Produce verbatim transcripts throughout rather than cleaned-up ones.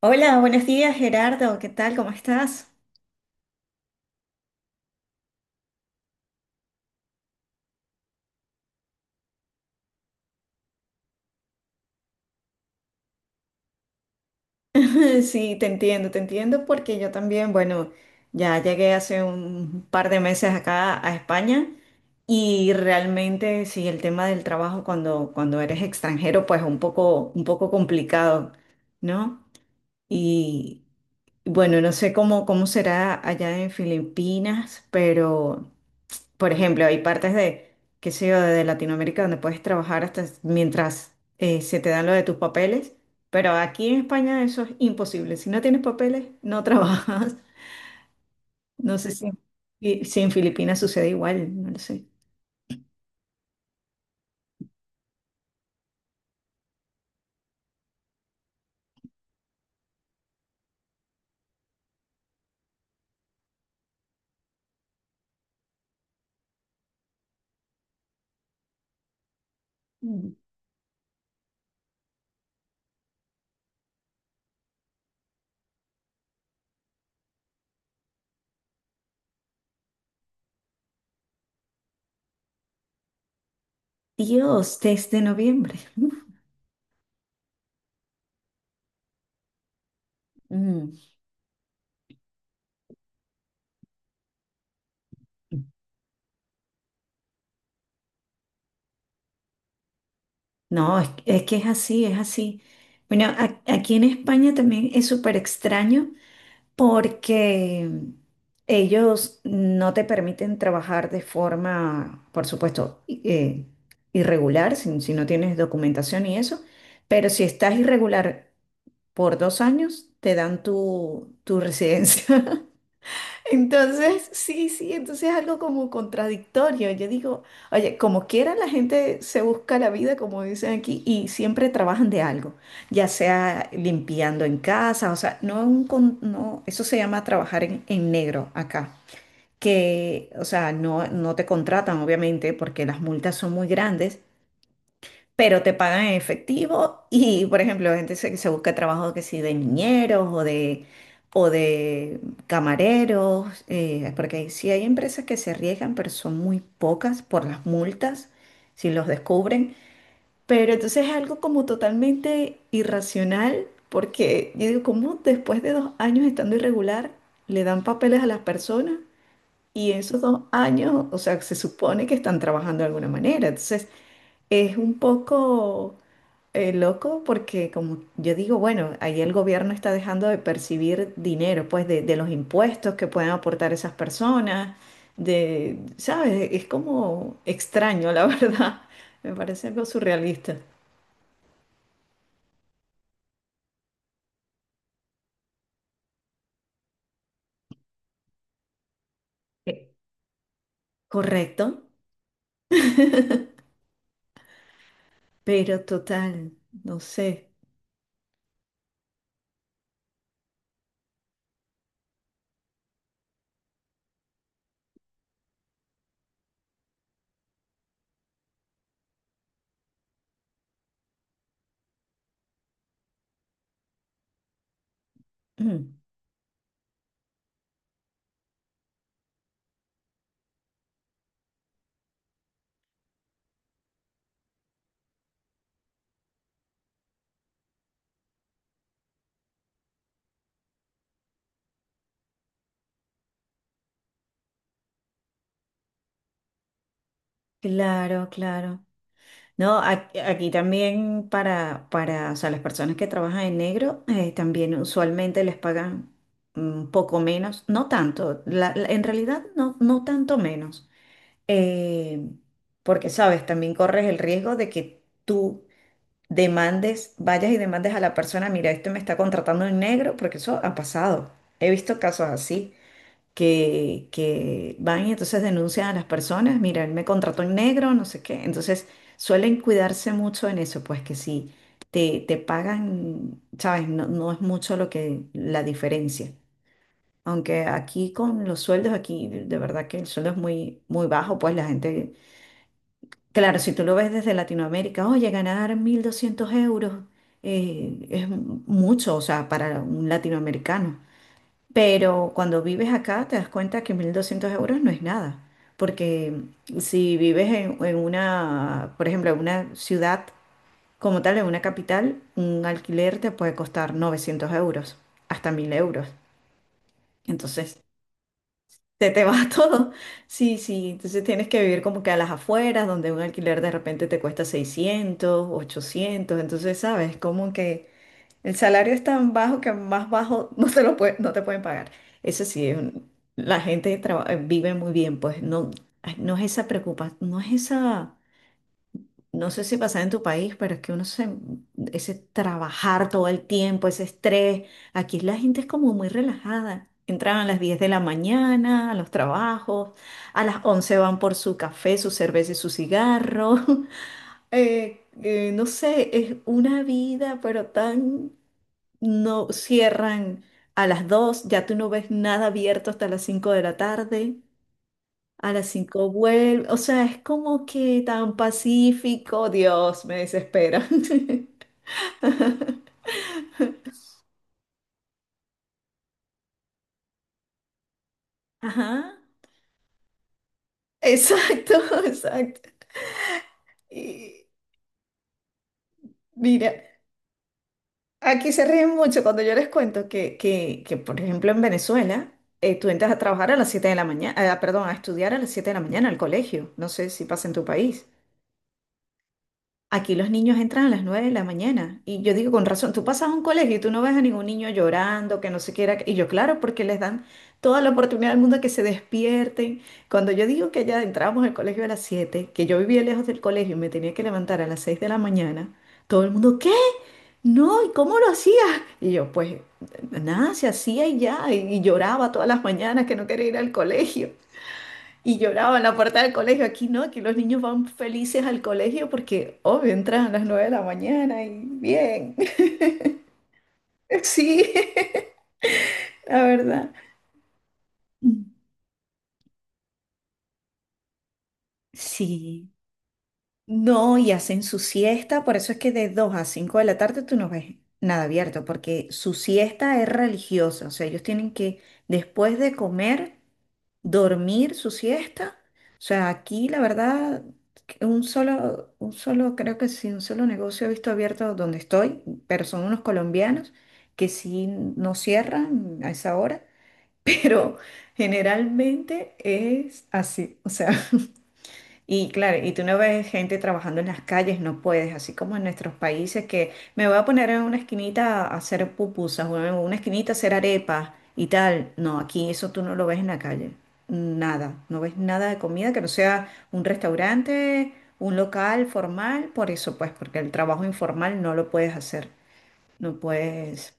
Hola, buenos días Gerardo, ¿qué tal? ¿Cómo estás? Sí, te entiendo, te entiendo porque yo también, bueno, ya llegué hace un par de meses acá a España y realmente sí, el tema del trabajo cuando, cuando eres extranjero pues un poco, un poco complicado, ¿no? Y bueno, no sé cómo, cómo será allá en Filipinas, pero... Por ejemplo, hay partes de, qué sé yo, de Latinoamérica donde puedes trabajar hasta mientras eh, se te dan lo de tus papeles, pero aquí en España eso es imposible. Si no tienes papeles, no trabajas. No sé si, y- si en Filipinas sucede igual, no lo sé. Mm. Dios, desde noviembre. Uf. Mm. No, es, es que es así, es así. Bueno, a- aquí en España también es súper extraño porque ellos no te permiten trabajar de forma, por supuesto, i- eh, irregular, si, si no tienes documentación y eso, pero si estás irregular por dos años, te dan tu, tu residencia. Entonces, sí, sí, entonces es algo como contradictorio. Yo digo, oye, como quiera la gente se busca la vida, como dicen aquí, y siempre trabajan de algo, ya sea limpiando en casa, o sea, no, un con- no eso se llama trabajar en, en negro acá, que, o sea, no, no te contratan, obviamente, porque las multas son muy grandes, pero te pagan en efectivo y, por ejemplo, gente se, se busca trabajo que sí de niñeros o de, o de camareros, eh, porque sí hay empresas que se arriesgan, pero son muy pocas por las multas, si los descubren. Pero entonces es algo como totalmente irracional, porque yo digo, ¿cómo después de dos años estando irregular le dan papeles a las personas? Y esos dos años, o sea, se supone que están trabajando de alguna manera. Entonces, es un poco eh, loco porque como yo digo, bueno, ahí el gobierno está dejando de percibir dinero, pues de, de los impuestos que pueden aportar esas personas, de, ¿sabes? Es como extraño, la verdad. Me parece algo surrealista. Eh, Correcto, pero total, no sé. Mm, claro, claro. No, ac- aquí también para, para, o sea, las personas que trabajan en negro, eh, también usualmente les pagan un poco menos, no tanto, la- la- en realidad no, no tanto menos, eh, porque, sabes, también corres el riesgo de que tú demandes, vayas y demandes a la persona, mira, este me está contratando en negro, porque eso ha pasado, he visto casos así que, que van y entonces denuncian a las personas, mira, él me contrató en negro, no sé qué. Entonces suelen cuidarse mucho en eso, pues que si te, te pagan, sabes, no, no es mucho lo que la diferencia. Aunque aquí con los sueldos, aquí de verdad que el sueldo es muy, muy bajo, pues la gente, claro, si tú lo ves desde Latinoamérica, oye, ganar mil doscientos euros eh, es mucho, o sea, para un latinoamericano. Pero cuando vives acá te das cuenta que mil doscientos euros no es nada, porque si vives en, en una, por ejemplo, en una ciudad como tal, en una capital, un alquiler te puede costar novecientos euros, hasta mil euros. Entonces, se te va todo. Sí, sí, entonces tienes que vivir como que a las afueras, donde un alquiler de repente te cuesta seiscientos, ochocientos. Entonces, ¿sabes? Como que... El salario es tan bajo que más bajo no te lo puede- no te pueden pagar. Eso sí, es un- la gente traba- eh, vive muy bien, pues no, ay, no es esa preocupación, no es esa, no sé si pasa en tu país, pero es que uno se, ese trabajar todo el tiempo, ese estrés, aquí la gente es como muy relajada. Entran a las diez de la mañana a los trabajos, a las once van por su café, su cerveza y su cigarro. Eh, eh, no sé, es una vida, pero tan no cierran a las dos. Ya tú no ves nada abierto hasta las cinco de la tarde, a las cinco vuelve, o sea, es como que tan pacífico, Dios, me desespera. Ajá, exacto, exacto. Y mira, aquí se ríen mucho cuando yo les cuento que, que, que, por ejemplo, en Venezuela, eh, tú entras a trabajar a las siete de la mañana, perdón, a estudiar a las siete de la mañana al colegio, no sé si pasa en tu país. Aquí los niños entran a las nueve de la mañana y yo digo con razón, tú pasas a un colegio y tú no ves a ningún niño llorando, que no se quiera, y yo claro, porque les dan toda la oportunidad del mundo que se despierten. Cuando yo digo que ya entrábamos al colegio a las siete, que yo vivía lejos del colegio y me tenía que levantar a las seis de la mañana, todo el mundo, ¿qué? No, ¿y cómo lo hacías? Y yo, pues nada, se hacía y ya, y, y lloraba todas las mañanas que no quería ir al colegio. Y lloraba en la puerta del colegio. Aquí no, aquí los niños van felices al colegio porque, obvio, entran a las nueve de la mañana y bien. Sí, la verdad. Sí. No, y hacen su siesta, por eso es que de dos a cinco de la tarde tú no ves nada abierto, porque su siesta es religiosa, o sea, ellos tienen que, después de comer, dormir su siesta. O sea, aquí la verdad, que un solo, un solo, creo que sí, un solo negocio he visto abierto donde estoy, pero son unos colombianos que sí no cierran a esa hora, pero generalmente es así, o sea. Y claro, y tú no ves gente trabajando en las calles, no puedes, así como en nuestros países que me voy a poner en una esquinita a hacer pupusas o en una esquinita a hacer arepas y tal. No, aquí eso tú no lo ves en la calle, nada, no ves nada de comida que no sea un restaurante, un local formal, por eso pues, porque el trabajo informal no lo puedes hacer, no puedes.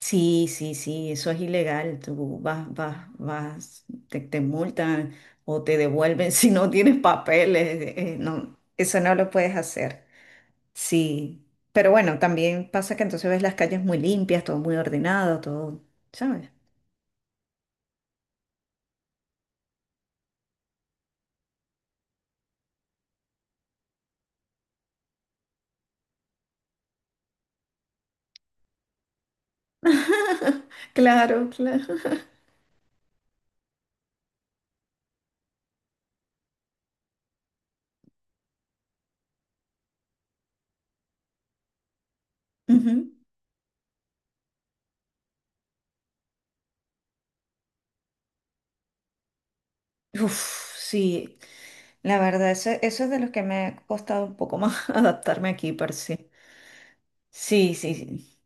Sí, sí, sí, eso es ilegal. Tú vas, vas, vas, te, te multan o te devuelven si no tienes papeles. eh, eh, no, eso no lo puedes hacer. Sí, pero bueno, también pasa que entonces ves las calles muy limpias, todo muy ordenado, todo, ¿sabes? Claro, claro. Ujú. Uf, sí, la verdad, eso, eso es de los que me ha costado un poco más adaptarme aquí, pero sí. Sí, sí, sí.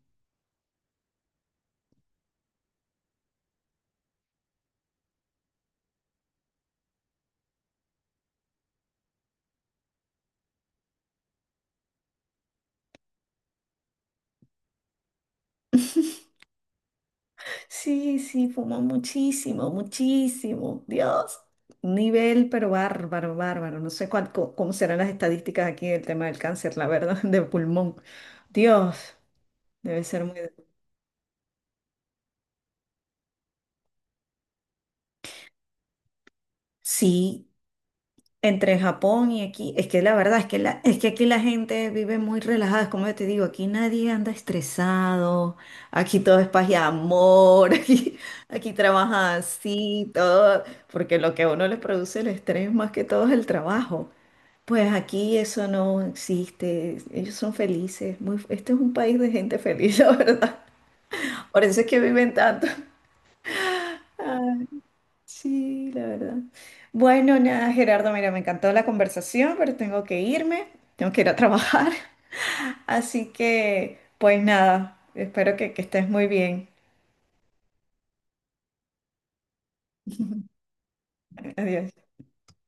Sí, sí, fumó muchísimo, muchísimo. Dios, un nivel, pero bárbaro, bárbaro. No sé cuál- co- cómo serán las estadísticas aquí del tema del cáncer, la verdad, de pulmón. Dios, debe ser muy... Sí, entre Japón y aquí, es que la verdad es que, la, es que aquí la gente vive muy relajada, es como yo te digo, aquí nadie anda estresado, aquí todo es paz y amor, aquí, aquí trabaja así, todo, porque lo que a uno le produce el estrés más que todo es el trabajo. Pues aquí eso no existe. Ellos son felices. Muy, este es un país de gente feliz, la verdad. Por eso es que viven tanto. Ah, sí, la verdad. Bueno, nada, Gerardo, mira, me encantó la conversación, pero tengo que irme. Tengo que ir a trabajar. Así que, pues nada, espero que, que estés muy bien. Adiós.